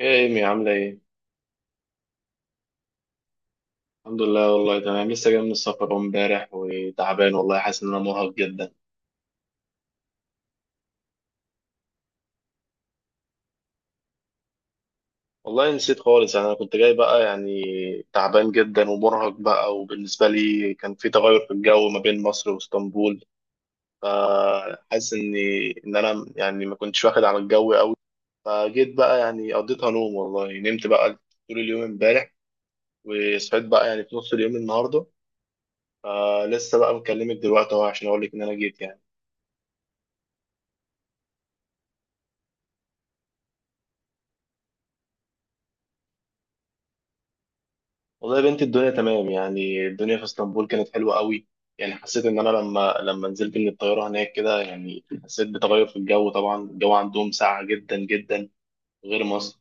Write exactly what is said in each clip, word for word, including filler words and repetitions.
ايه يا ايمي عاملة ايه؟ الحمد لله، والله تمام. لسه جاي من السفر أهو امبارح، وتعبان والله. حاسس ان انا مرهق جدا. والله نسيت خالص، يعني انا كنت جاي بقى يعني تعبان جدا ومرهق بقى. وبالنسبة لي كان في تغير في الجو ما بين مصر واسطنبول، فحاسس اني ان انا يعني ما كنتش واخد على الجو قوي. فجيت بقى، يعني قضيتها نوم. والله نمت بقى طول اليوم امبارح، وصحيت بقى يعني في نص اليوم النهارده. فلسه بقى مكلمك دلوقتي اهو عشان اقول لك ان انا جيت يعني. والله يا بنتي الدنيا تمام، يعني الدنيا في اسطنبول كانت حلوة قوي. يعني حسيت ان انا لما لما نزلت من الطيارة هناك كده، يعني حسيت بتغير في الجو. طبعا الجو عندهم ساقع جدا جدا، غير مصر.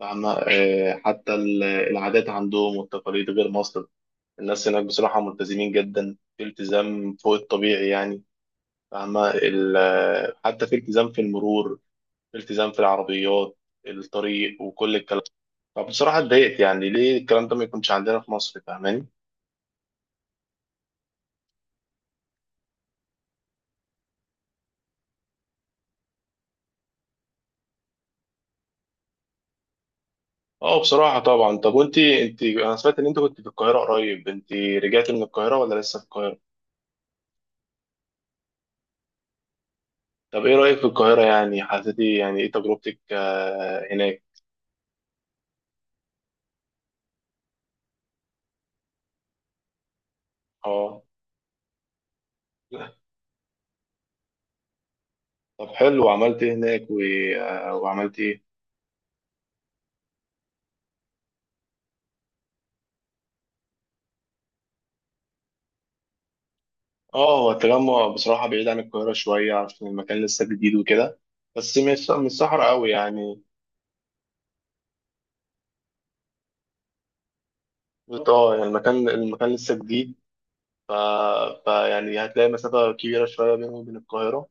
فاهمة؟ آه، حتى ال- العادات عندهم والتقاليد غير مصر. الناس هناك بصراحة ملتزمين جدا، في التزام فوق الطبيعي يعني. فاهمة؟ ال- آه، حتى في التزام في المرور، في التزام في العربيات، الطريق وكل الكلام. فبصراحة اتضايقت، يعني ليه الكلام ده ما يكونش عندنا في مصر؟ فاهماني؟ اه بصراحة طبعا. طب وانت، انت انا سمعت ان انت كنت في القاهرة قريب. انت رجعتي من القاهرة ولا لسه في القاهرة؟ طب ايه رأيك في القاهرة؟ يعني حسيتي يعني ايه تجربتك آه، هناك؟ اه. طب حلو، وعملت ايه هناك و... آه، وعملت ايه؟ اه. هو التجمع بصراحة بعيد عن القاهرة شوية، عشان المكان لسه جديد وكده. بس مش مش صحراء قوي يعني. اه، يعني المكان المكان لسه جديد. ف... فيعني هتلاقي مسافة كبيرة شوية بينه وبين القاهرة.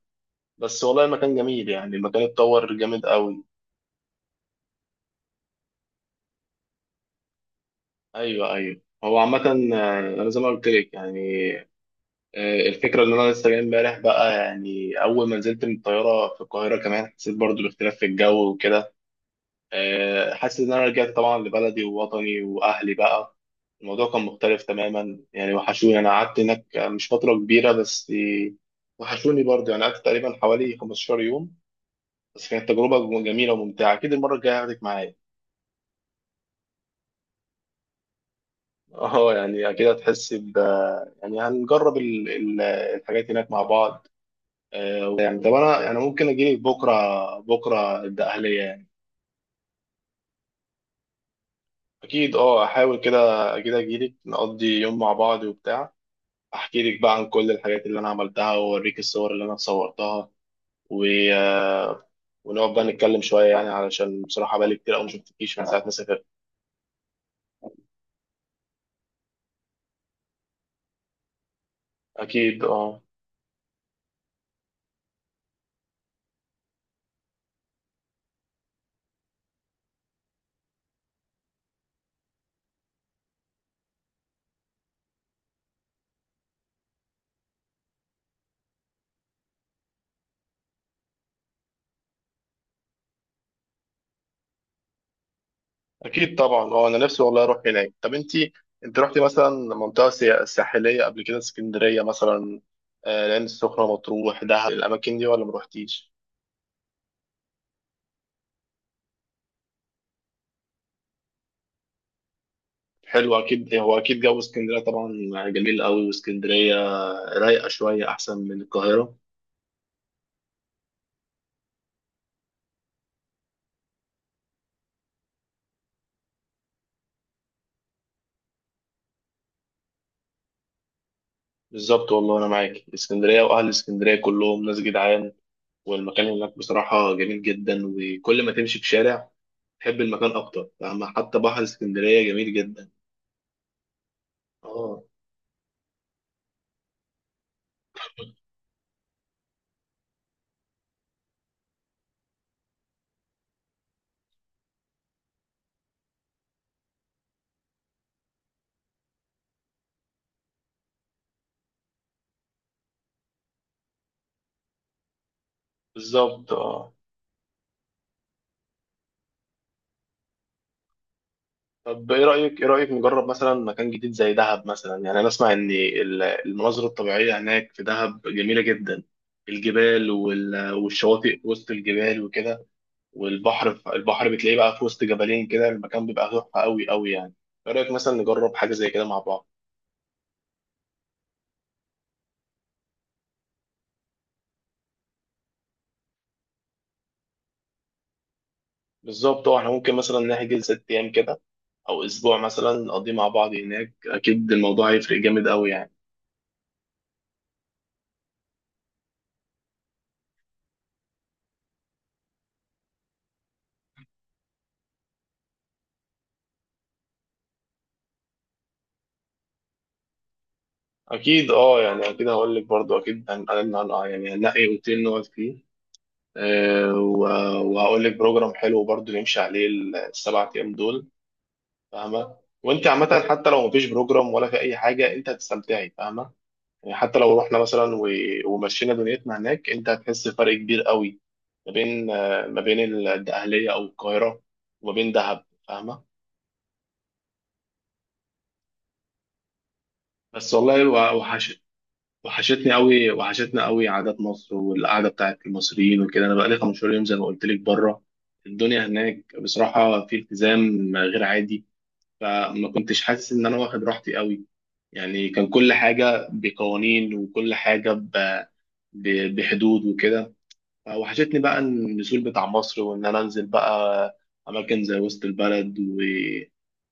بس والله المكان جميل، يعني المكان اتطور جامد قوي. ايوه ايوه. هو عامة، آه، انا زي ما قلت لك يعني. آه، الفكرة ان انا لسه جاي امبارح بقى. يعني اول ما نزلت من الطيارة في القاهرة كمان، حسيت برضو باختلاف في الجو وكده. آه، حاسس ان انا رجعت طبعا لبلدي ووطني واهلي بقى. الموضوع كان مختلف تماما يعني. وحشوني، انا قعدت هناك مش فترة كبيرة، بس وحشوني برضو. يعني قعدت تقريبا حوالي خمسة عشر يوم، بس كانت تجربة جميلة وممتعة. اكيد المرة الجاية هاخدك معايا. اه، يعني اكيد هتحسي ب... يعني هنجرب ال... ال... الحاجات هناك مع بعض. آه، يعني طب انا يعني ممكن اجيلك بكره، بكره الدقهلية يعني. اكيد اه، احاول كده. اكيد اجيلك نقضي يوم مع بعض وبتاع. احكي لك بقى عن كل الحاجات اللي انا عملتها، واوريك الصور اللي انا صورتها، و... آه، ونقعد بقى نتكلم شويه. يعني علشان بصراحه بقالي كتير قوي ما شفتكيش من ساعه ما سافرت. اكيد اه. اكيد طبعا، هو انا نفسي والله اروح هناك. طب انت، انت رحتي مثلا منطقه سيا- ساحليه قبل كده؟ اسكندريه مثلا، آه، العين السخنه، مطروح، دهب، الاماكن دي ولا ما روحتيش؟ حلو، اكيد. هو اكيد جو اسكندريه طبعا جميل قوي. واسكندريه رايقه شويه احسن من القاهره. بالظبط، والله انا معاك. اسكندريه واهل اسكندريه كلهم ناس جدعان، والمكان هناك بصراحه جميل جدا. وكل ما تمشي في شارع تحب المكان اكتر، فاهمة؟ حتى بحر اسكندريه جميل جدا. اه. بالظبط اه. طب ايه رايك، ايه رايك نجرب مثلا مكان جديد زي دهب مثلا؟ يعني انا اسمع ان ال- المناظر الطبيعيه هناك في دهب جميله جدا، الجبال وال- والشواطئ وسط الجبال وكده. والبحر في- البحر بتلاقيه بقى في وسط جبلين كده، المكان بيبقى تحفه قوي قوي يعني. ايه رايك مثلا نجرب حاجه زي كده مع بعض؟ بالظبط اه. احنا ممكن مثلا نحجز ست ايام كده، او اسبوع مثلا، نقضيه مع بعض هناك. اكيد الموضوع هيفرق جامد قوي يعني. اكيد اه. يعني اكيد هقول لك برضو، اكيد هن- هن- هن- يعني هنلاقي اوتيل نقعد فيه. آه، و- وهقول لك بروجرام حلو برضو نمشي عليه السبع ايام دول. فاهمه؟ وانت عامه، حتى لو مفيش بروجرام ولا في اي حاجه، انت هتستمتعي، فاهمه؟ يعني حتى لو رحنا مثلا و- ومشينا دنيتنا هناك، انت هتحس بفرق كبير قوي ما بين آه، ما بين ال- الدقهليه او القاهره، وما بين دهب، فاهمه؟ بس والله و- وحش. وحشتني قوي، وحشتنا قوي عادات مصر والقعده بتاعت المصريين وكده. انا بقالي خمستاشر يوم زي ما قلت لك بره. الدنيا هناك بصراحه في التزام غير عادي، فما كنتش حاسس ان انا واخد راحتي قوي. يعني كان كل حاجه بقوانين، وكل حاجه ب- ب- بحدود وكده. فوحشتني بقى النزول بتاع مصر، وان انا انزل بقى اماكن زي وسط البلد و...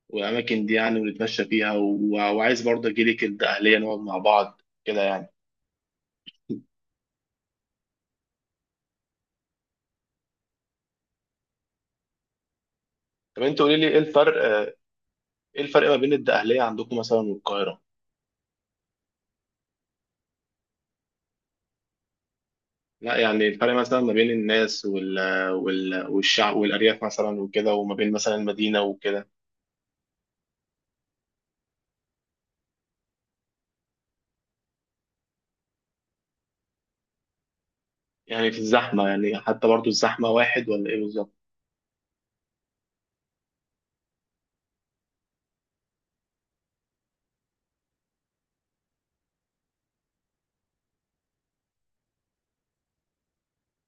والاماكن دي يعني، ونتمشى فيها، و... وعايز برضه اجيلك الدقهليه نقعد مع بعض كده يعني. طب انت قولي لي، ايه الفرق، ايه الفرق ما بين الدقهليه عندكم مثلا والقاهره؟ لا، يعني الفرق مثلا ما بين الناس وال... وال... والشعب والارياف مثلا وكده، وما بين مثلا المدينه وكده. يعني في الزحمة، يعني حتى برضو الزحمة واحد ولا ايه بالظبط؟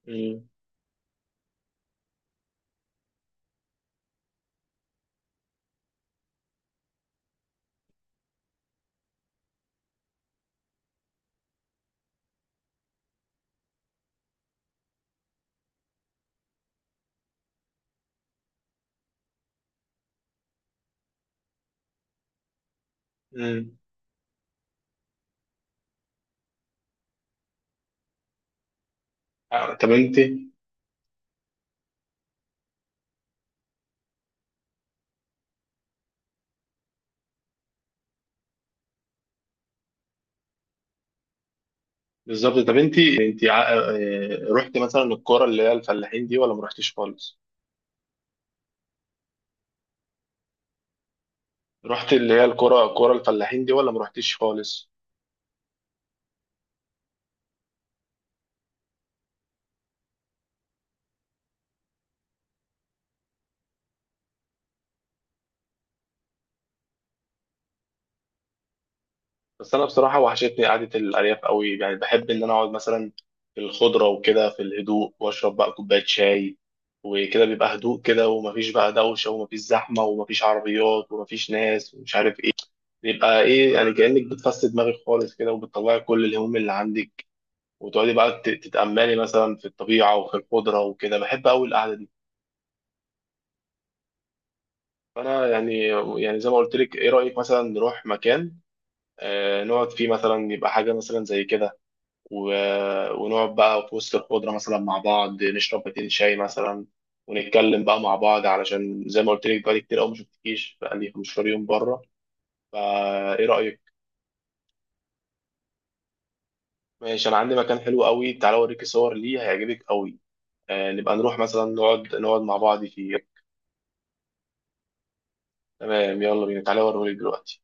مم. مم. آه، طب انت. بالظبط. طب انت، انت ع- آه، رحت مثلا الكرة اللي هي الفلاحين دي ولا ما رحتيش خالص؟ رحت اللي هي الكرة، كرة الفلاحين دي، ولا ما رحتيش خالص؟ بس انا بصراحة وحشتني قعدة الأرياف قوي. يعني بحب ان انا اقعد مثلا في الخضرة وكده، في الهدوء، واشرب بقى كوباية شاي وكده. بيبقى هدوء كده، ومفيش بقى دوشة، ومفيش زحمة، ومفيش عربيات، ومفيش ناس، ومش عارف يبقى ايه. يعني كأنك بتفسد دماغك خالص كده، وبتطلعي كل الهموم اللي عندك، وتقعدي بقى ت- تتأملي مثلا في الطبيعة وفي الخضرة وكده. بحب قوي القعدة دي. فانا يعني، يعني زي ما قلت لك، ايه رأيك مثلا نروح مكان آه نقعد فيه مثلا؟ يبقى حاجة مثلا زي كده. و- ونقعد بقى في وسط الخضرة مثلا مع بعض، نشرب باتين شاي مثلا، ونتكلم بقى مع بعض. علشان زي ما قلت لك بقالي كتير قوي ما شفتكيش، بقالي خمستاشر يوم بره. فايه رأيك؟ ماشي. انا عندي مكان حلو قوي، تعالى اوريك صور ليه هيعجبك قوي. آه، نبقى نروح مثلا نقعد نقعد مع بعض فيه. تمام، يلا بينا، تعالى اوريهولك دلوقتي.